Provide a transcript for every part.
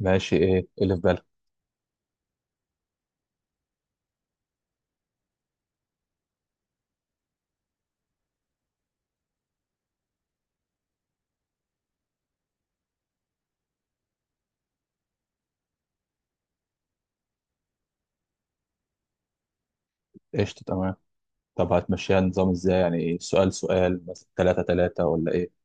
ماشي. ايه إيه اللي في بالك؟ قشطة، تمام. طب هتمشيها نظام ازاي؟ يعني ايه، سؤال سؤال مثلا، تلاتة تلاتة، ولا ايه؟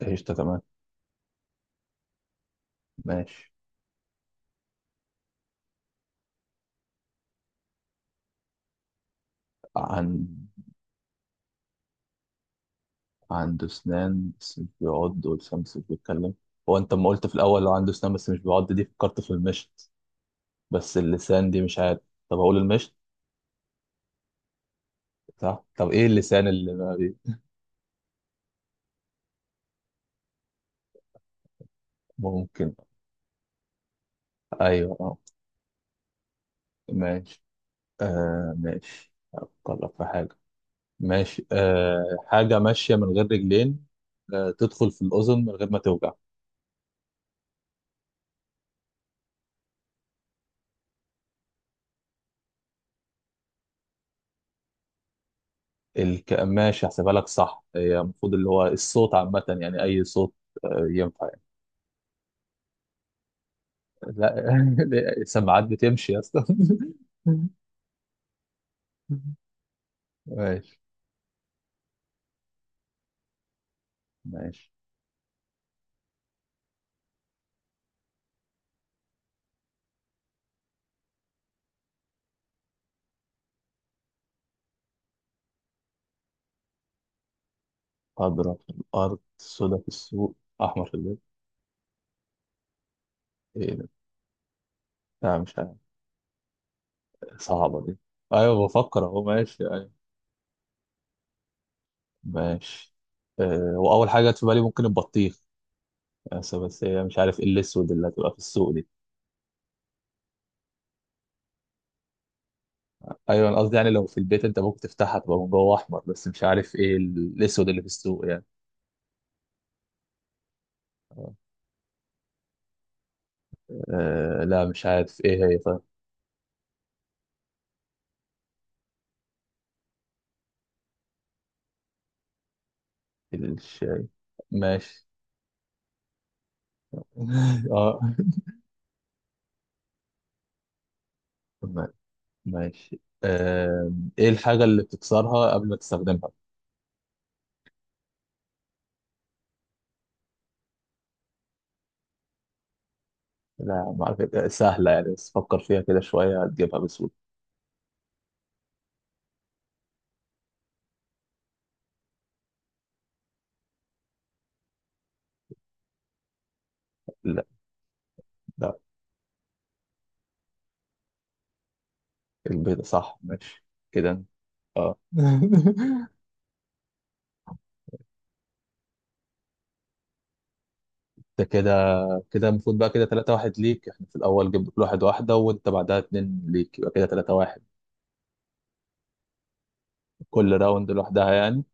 قشطة، تمام. ماشي. عن عنده اسنان بس مش بيعض، ولسان بس مش بيتكلم. هو انت لما قلت في الاول لو عنده اسنان بس مش بيعض، دي فكرت في المشط، بس اللسان دي مش عارف. طب اقول المشط؟ صح. طب ايه اللسان اللي ما بي... ممكن؟ ايوه، اه. ماشي. ماشي، افكر لك في حاجة. ماشي. حاجة ماشية من غير رجلين. تدخل في الأذن من غير ما توجع. ماشي، هحسبها لك. صح، هي المفروض اللي هو الصوت عامة، يعني أي صوت ينفع يعني. لا. السماعات بتمشي يا اسطى. ماشي. ماشي. أضرب في الأرض، سودا في السوق، أحمر في البيت. إيه ده؟ لا، مش عارف. صعبة دي. أيوة، بفكر أهو. ماشي. أيوة. ماشي. وأول حاجة جت في بالي ممكن البطيخ، بس هي مش عارف إيه الأسود اللي هتبقى في السوق دي. ايوه، انا قصدي يعني لو في البيت انت ممكن تفتحها تبقى من جوه احمر، بس مش عارف ايه الاسود اللي في السوق يعني. لا، مش عارف ايه هي. طيب. الشاي. ماشي. اه. ما- ماشي. ايه الحاجة اللي بتكسرها قبل ما تستخدمها؟ لا، ما اعرف إيه. سهلة يعني، بس فكر فيها كده شوية، هتجيبها بسهولة. لا، لا. البيضة؟ صح، ماشي. كده، اه. ده كده المفروض بقى كده 3 واحد ليك. احنا في الاول جبنا كل واحد واحدة، وانت بعدها اتنين ليك، يبقى كده 3 واحد. كل راوند لوحدها يعني.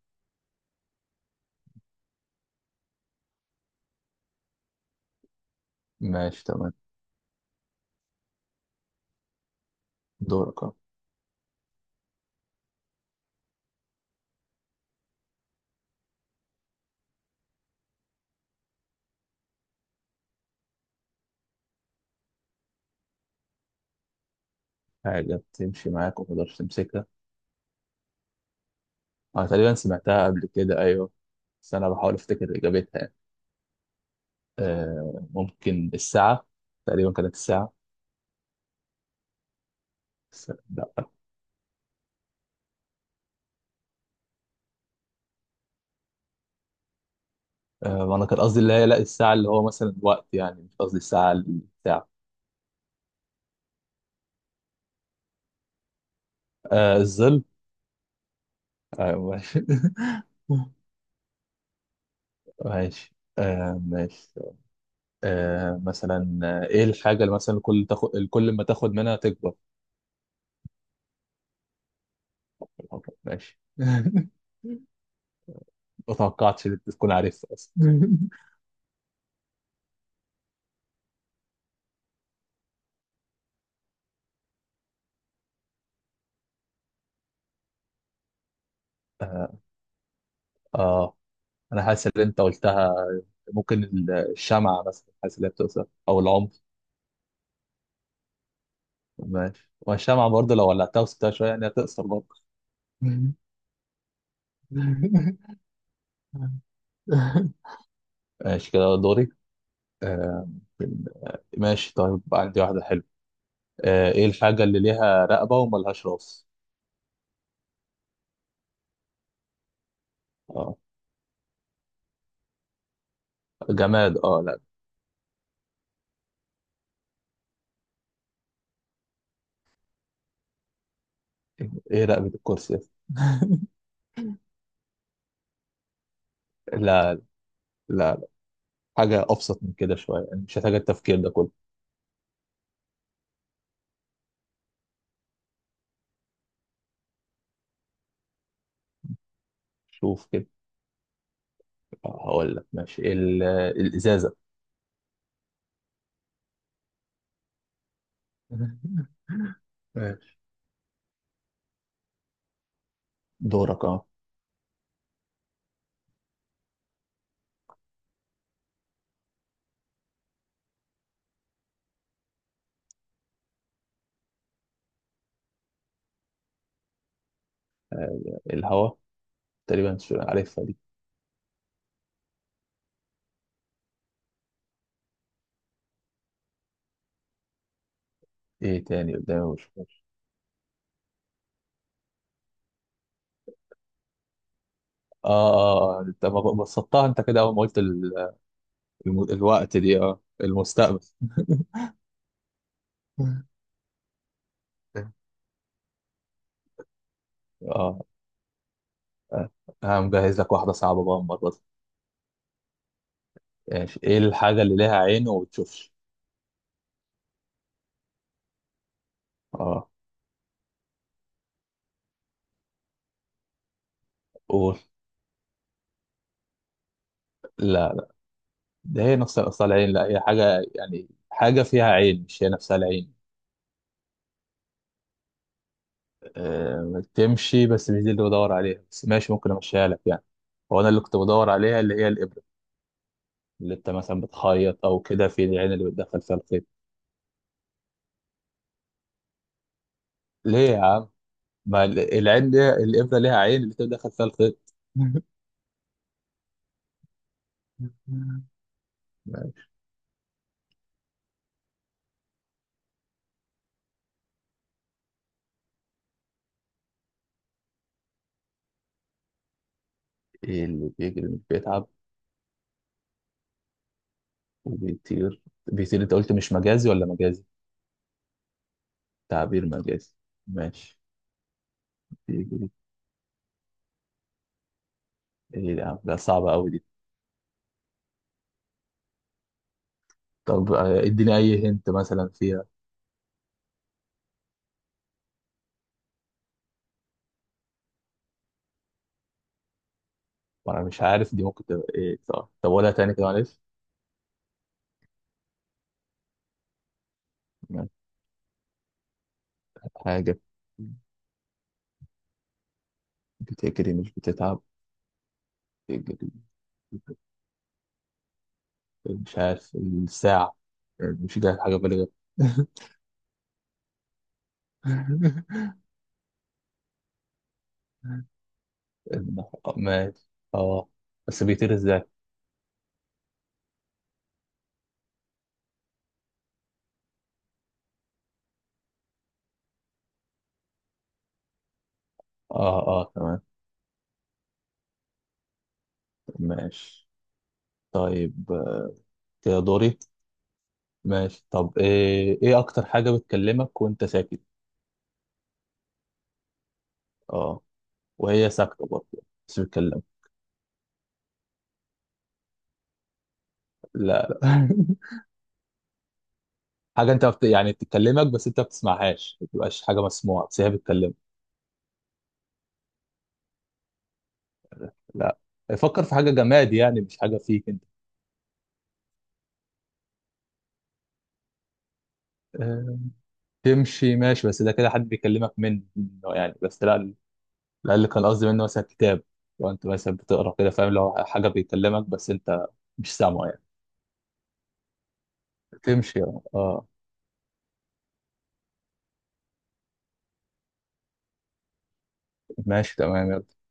ماشي، تمام. دورك أهو. حاجة بتمشي معاك وما تقدرش تمسكها؟ أنا تقريبا سمعتها قبل كده، أيوه، بس أنا بحاول أفتكر إجابتها يعني. ممكن الساعة، تقريبا كانت الساعة، بس لا. أنا كان قصدي اللي هي، لا، الساعة اللي هو مثلا وقت، يعني مش قصدي الساعة الساعة. الظل. أيوه، ماشي. ماشي. ماشي. مثلا، إيه الحاجة اللي مثلا كل ما تاخد منها تكبر؟ ماشي. ما توقعتش ان انت تكون عارفها اصلا. آه, اه، انا حاسس ان انت قلتها. ممكن الشمعة مثلا، حاسس ان هي بتقصر، او العنف. ماشي، والشمعة برضه لو ولعتها وسبتها شوية يعني هتقصر برضه. ماشي، كده دوري. آه ماشي، طيب عندي واحدة حلوة. ايه الحاجة اللي ليها رقبة وملهاش راس؟ اه. جماد، اه، لا. ايه، رقبة الكرسي؟ لا، لا. حاجة أبسط من كده شوية، يعني مش محتاجة التفكير ده كله. شوف كده. هقول لك، ماشي، الازازه. ماشي. دورك، اه. الهواء؟ تقريبا مش عارفها دي. ايه تاني قدامي؟ مش فاكر. اه، اه. انت بسطتها انت، كده اول ما قلت الوقت دي. اه، المستقبل. اه. آه. انا مجهز لك واحده صعبه بقى المره دي. ماشي. ايه الحاجه اللي ليها عين وما بتشوفش؟ اه. قول. لا، ده هي نفس اصل العين، لا هي حاجه يعني، حاجه فيها عين مش هي نفسها العين. تمشي، بس مش دي اللي بدور عليها، بس ماشي، ممكن امشيها لك يعني. هو انا اللي كنت بدور عليها اللي هي الابره، اللي انت مثلا بتخيط او كده في العين اللي بتدخل فيها الخيط. ليه يا عم؟ ما العين، ليها الابره، ليها عين اللي بتدخل فيها الخيط. ايه اللي بيجري مش بيتعب، وبيطير؟ بيطير، انت قلت مش مجازي ولا مجازي؟ تعبير مجازي. ماشي. بيجري؟ ايه ده يا عم؟ ده صعبة قوي دي. طب اديني اي هنت مثلا فيها. وانا مش عارف دي ممكن تبقى ايه. طب قولها تاني كده، معلش. ما حاجة بتجري مش بتتعب. بتجري. مش عارف، الساعة يعني، مش جاي حاجة بالغة. ماشي. اه. بس بيطير ازاي؟ اه، اه، تمام. ماشي. طيب كده دوري. ماشي. طب ايه اكتر حاجة بتكلمك وانت ساكت؟ اه، وهي ساكتة برضه، بس بتكلمك. لا، لا. حاجة انت يعني بتكلمك بس انت ما بتسمعهاش، ما بتبقاش حاجة مسموعة، بس هي بتكلمك. لا. فكر في حاجة جماد يعني، مش حاجة فيك انت. آه، تمشي، ماشي، بس ده كده حد بيكلمك منه يعني، بس لا. الأقل كان قصدي منه مثلا كتاب. لو انت مثلا بتقرا كده، فاهم، لو حاجة بيكلمك بس انت مش سامعه يعني. تمشي، اه. ماشي، تمام، يلا.